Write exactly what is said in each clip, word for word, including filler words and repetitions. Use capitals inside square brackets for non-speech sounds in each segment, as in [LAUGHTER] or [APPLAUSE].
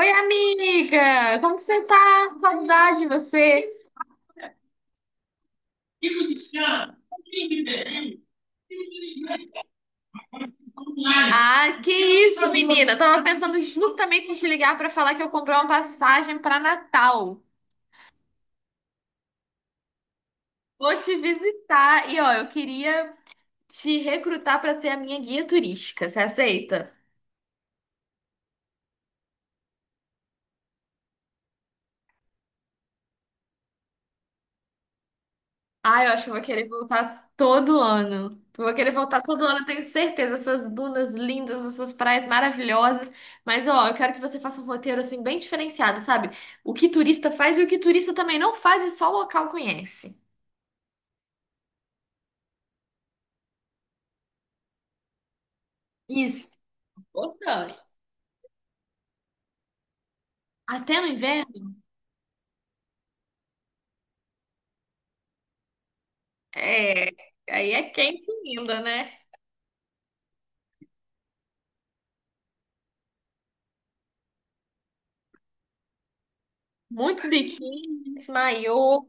Oi, amiga! Como que você tá? Saudade de você! Ah, que isso, menina! Tava pensando justamente em te ligar pra falar que eu comprei uma passagem pra Natal. Vou te visitar e, ó, eu queria te recrutar pra ser a minha guia turística. Você aceita? Ah, eu acho que eu vou querer voltar todo ano. Eu vou querer voltar todo ano, eu tenho certeza. Essas dunas lindas, essas praias maravilhosas. Mas, ó, eu quero que você faça um roteiro, assim, bem diferenciado, sabe? O que turista faz e o que turista também não faz e só local conhece. Isso. Importante. Até no inverno? É, aí é quente ainda, né? Muitos biquínis, maiô.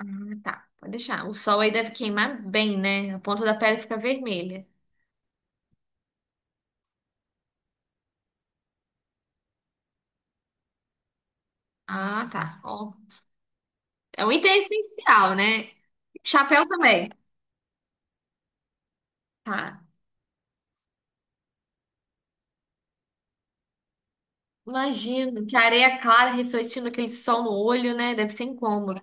Ah, tá, pode deixar. O sol aí deve queimar bem, né? A ponta da pele fica vermelha. Ah, tá. Ó. É um item essencial, né? Chapéu também. Tá. Imagino que areia clara refletindo aquele sol no olho, né? Deve ser incômodo.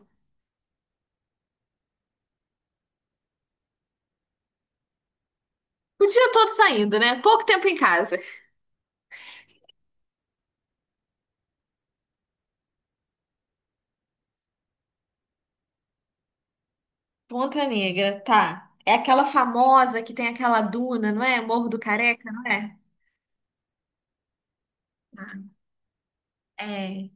O dia todo saindo, né? Pouco tempo em casa. Ponta Negra, tá. É aquela famosa que tem aquela duna, não é? Morro do Careca, não é? Tá. É.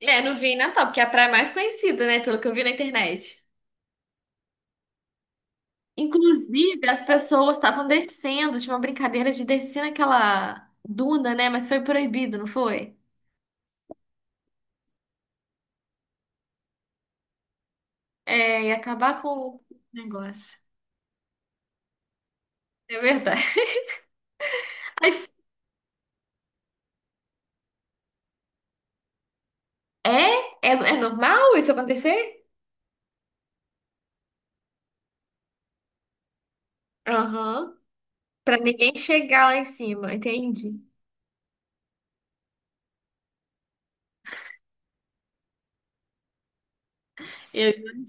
É, não vi em Natal, porque é a praia mais conhecida, né? Pelo que eu vi na internet. Inclusive, as pessoas estavam descendo, tinha uma brincadeira de descer naquela duna, né? Mas foi proibido, não foi? É, e acabar com o negócio. É verdade. [LAUGHS] Aí, é? É, é normal isso acontecer? Aham. Pra ninguém chegar lá em cima, entende Eu-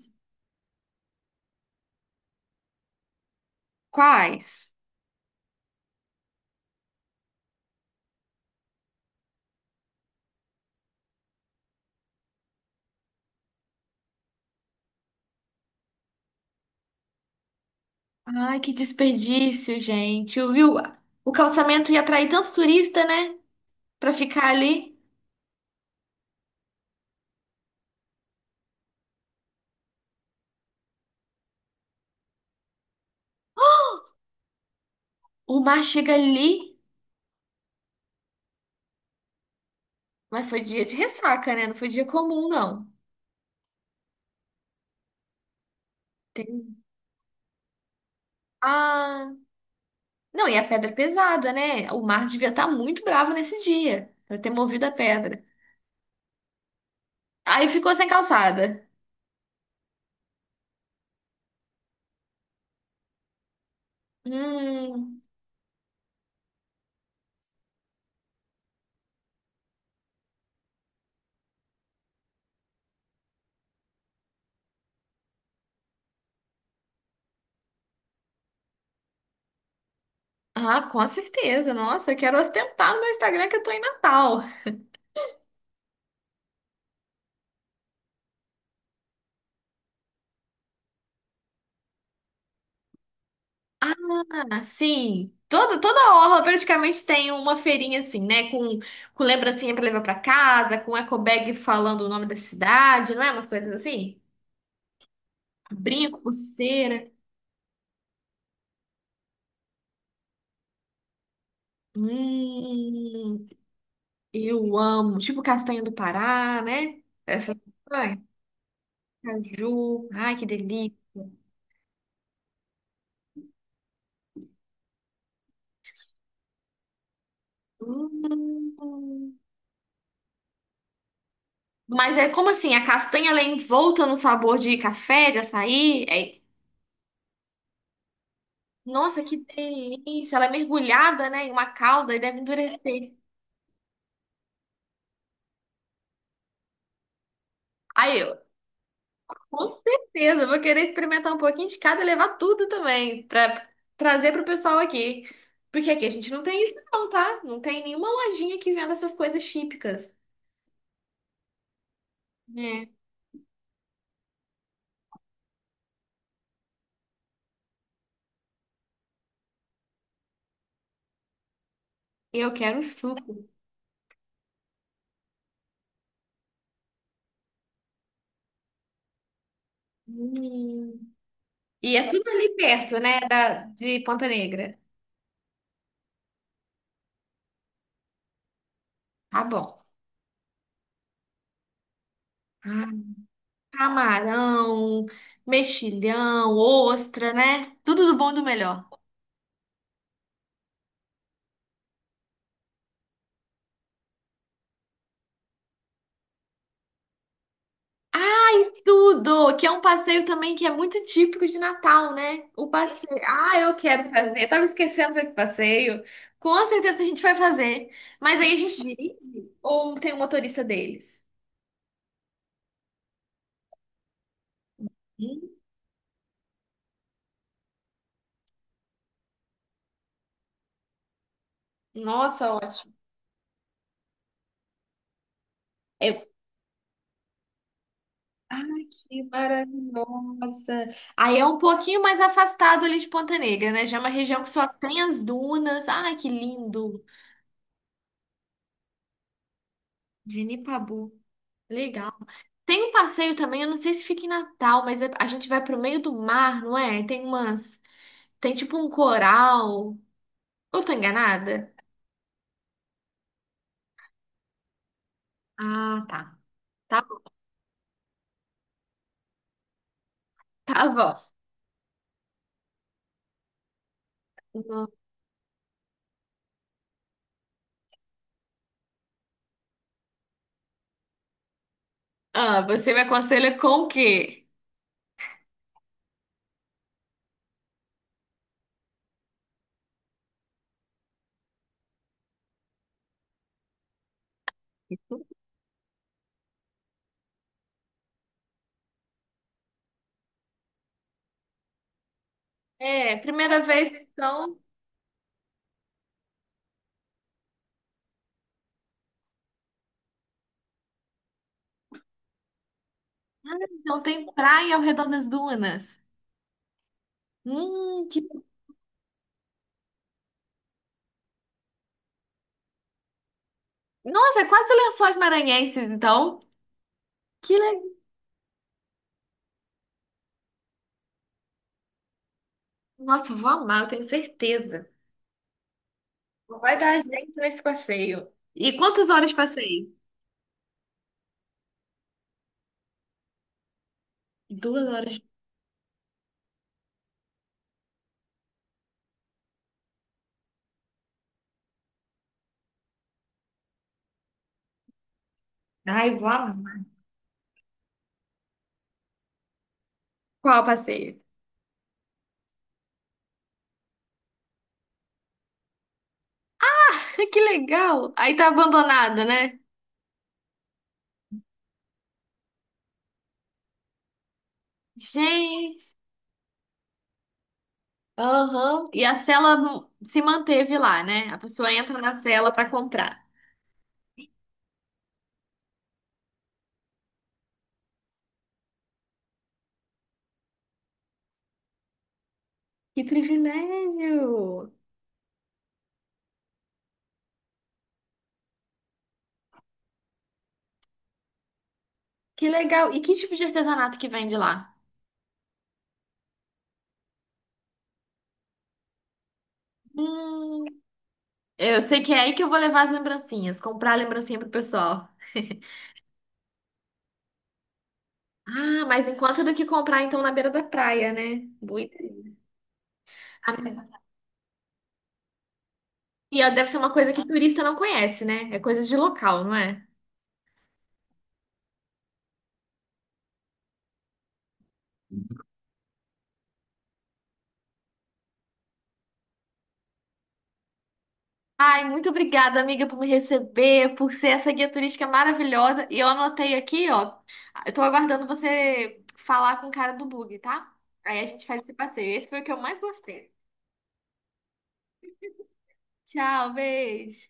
quais? Ai, que desperdício, gente. O, e o o calçamento ia atrair tanto turista, né? Pra ficar ali. O mar chega ali. Mas foi dia de ressaca, né? Não foi dia comum, não. Tem... Ah, não, e a pedra é pesada, né? O mar devia estar muito bravo nesse dia, pra ter movido a pedra. Aí ficou sem calçada. Hum. Ah, com certeza. Nossa, eu quero ostentar no meu Instagram que eu tô em Natal. Ah, sim. Toda, toda orla praticamente tem uma feirinha assim, né? Com, com lembrancinha pra levar pra casa, com eco bag falando o nome da cidade, não é? Umas coisas assim. Brinco, pulseira. Hum, eu amo. Tipo castanha do Pará, né? Essa. Ai, caju. Ai, que delícia. Hum. Mas é como assim? A castanha ela é envolta no sabor de café, de açaí? É- Nossa, que delícia! Ela é mergulhada, né, em uma calda e deve endurecer. Aí eu, com certeza, eu vou querer experimentar um pouquinho de cada e levar tudo também, pra trazer pro pessoal aqui. Porque aqui a gente não tem isso, não, tá? Não tem nenhuma lojinha que venda essas coisas típicas. É, eu quero um suco. Hum. E é tudo ali perto, né, da, de Ponta Negra. Tá bom. Camarão, mexilhão, ostra, né? Tudo do bom e do melhor. Tudo! Que é um passeio também que é muito típico de Natal, né? O passeio. Ah, eu quero fazer. Eu tava esquecendo desse passeio. Com certeza a gente vai fazer. Mas aí a gente dirige ou tem um motorista deles? Hum, Nossa, ótimo. Eu... Ai, que maravilhosa. Aí é um pouquinho mais afastado ali de Ponta Negra, né? Já é uma região que só tem as dunas. Ai, que lindo! Genipabu. Legal. Tem um passeio também, eu não sei se fica em Natal, mas é- a gente vai pro meio do mar, não é? E tem umas. Tem tipo um coral. Eu tô enganada? Ah, tá. Tá, bom, tá bom. Não. Ah, você me aconselha com o quê? É, primeira vez, então. Ah, então tem praia ao redor das dunas. Hum, que. Nossa, é quase Lençóis Maranhenses, então. Que legal. Nossa, eu vou amar, eu tenho certeza. Não vai dar jeito nesse passeio. E quantas horas passei? Duas horas. Ai, vou amar. Qual passeio? [LAUGHS] Que legal! Aí tá abandonada, né? Gente, aham. E a cela não- se manteve lá, né? A pessoa entra na cela pra comprar. Que privilégio! Que legal! E que tipo de artesanato que vende lá? Hum, eu sei que é aí que eu vou levar as lembrancinhas, comprar a lembrancinha pro pessoal. Ah, mais em conta do que comprar então na beira da praia, né? Boa ideia. E ó, deve ser uma coisa que turista não conhece, né? É coisa de local, não é? Ai, muito obrigada, amiga, por me receber, por ser essa guia turística maravilhosa. E eu anotei aqui, ó. Eu tô aguardando você falar com o cara do bug, tá? Aí a gente faz esse passeio. Esse foi o que eu mais gostei. Tchau, beijo.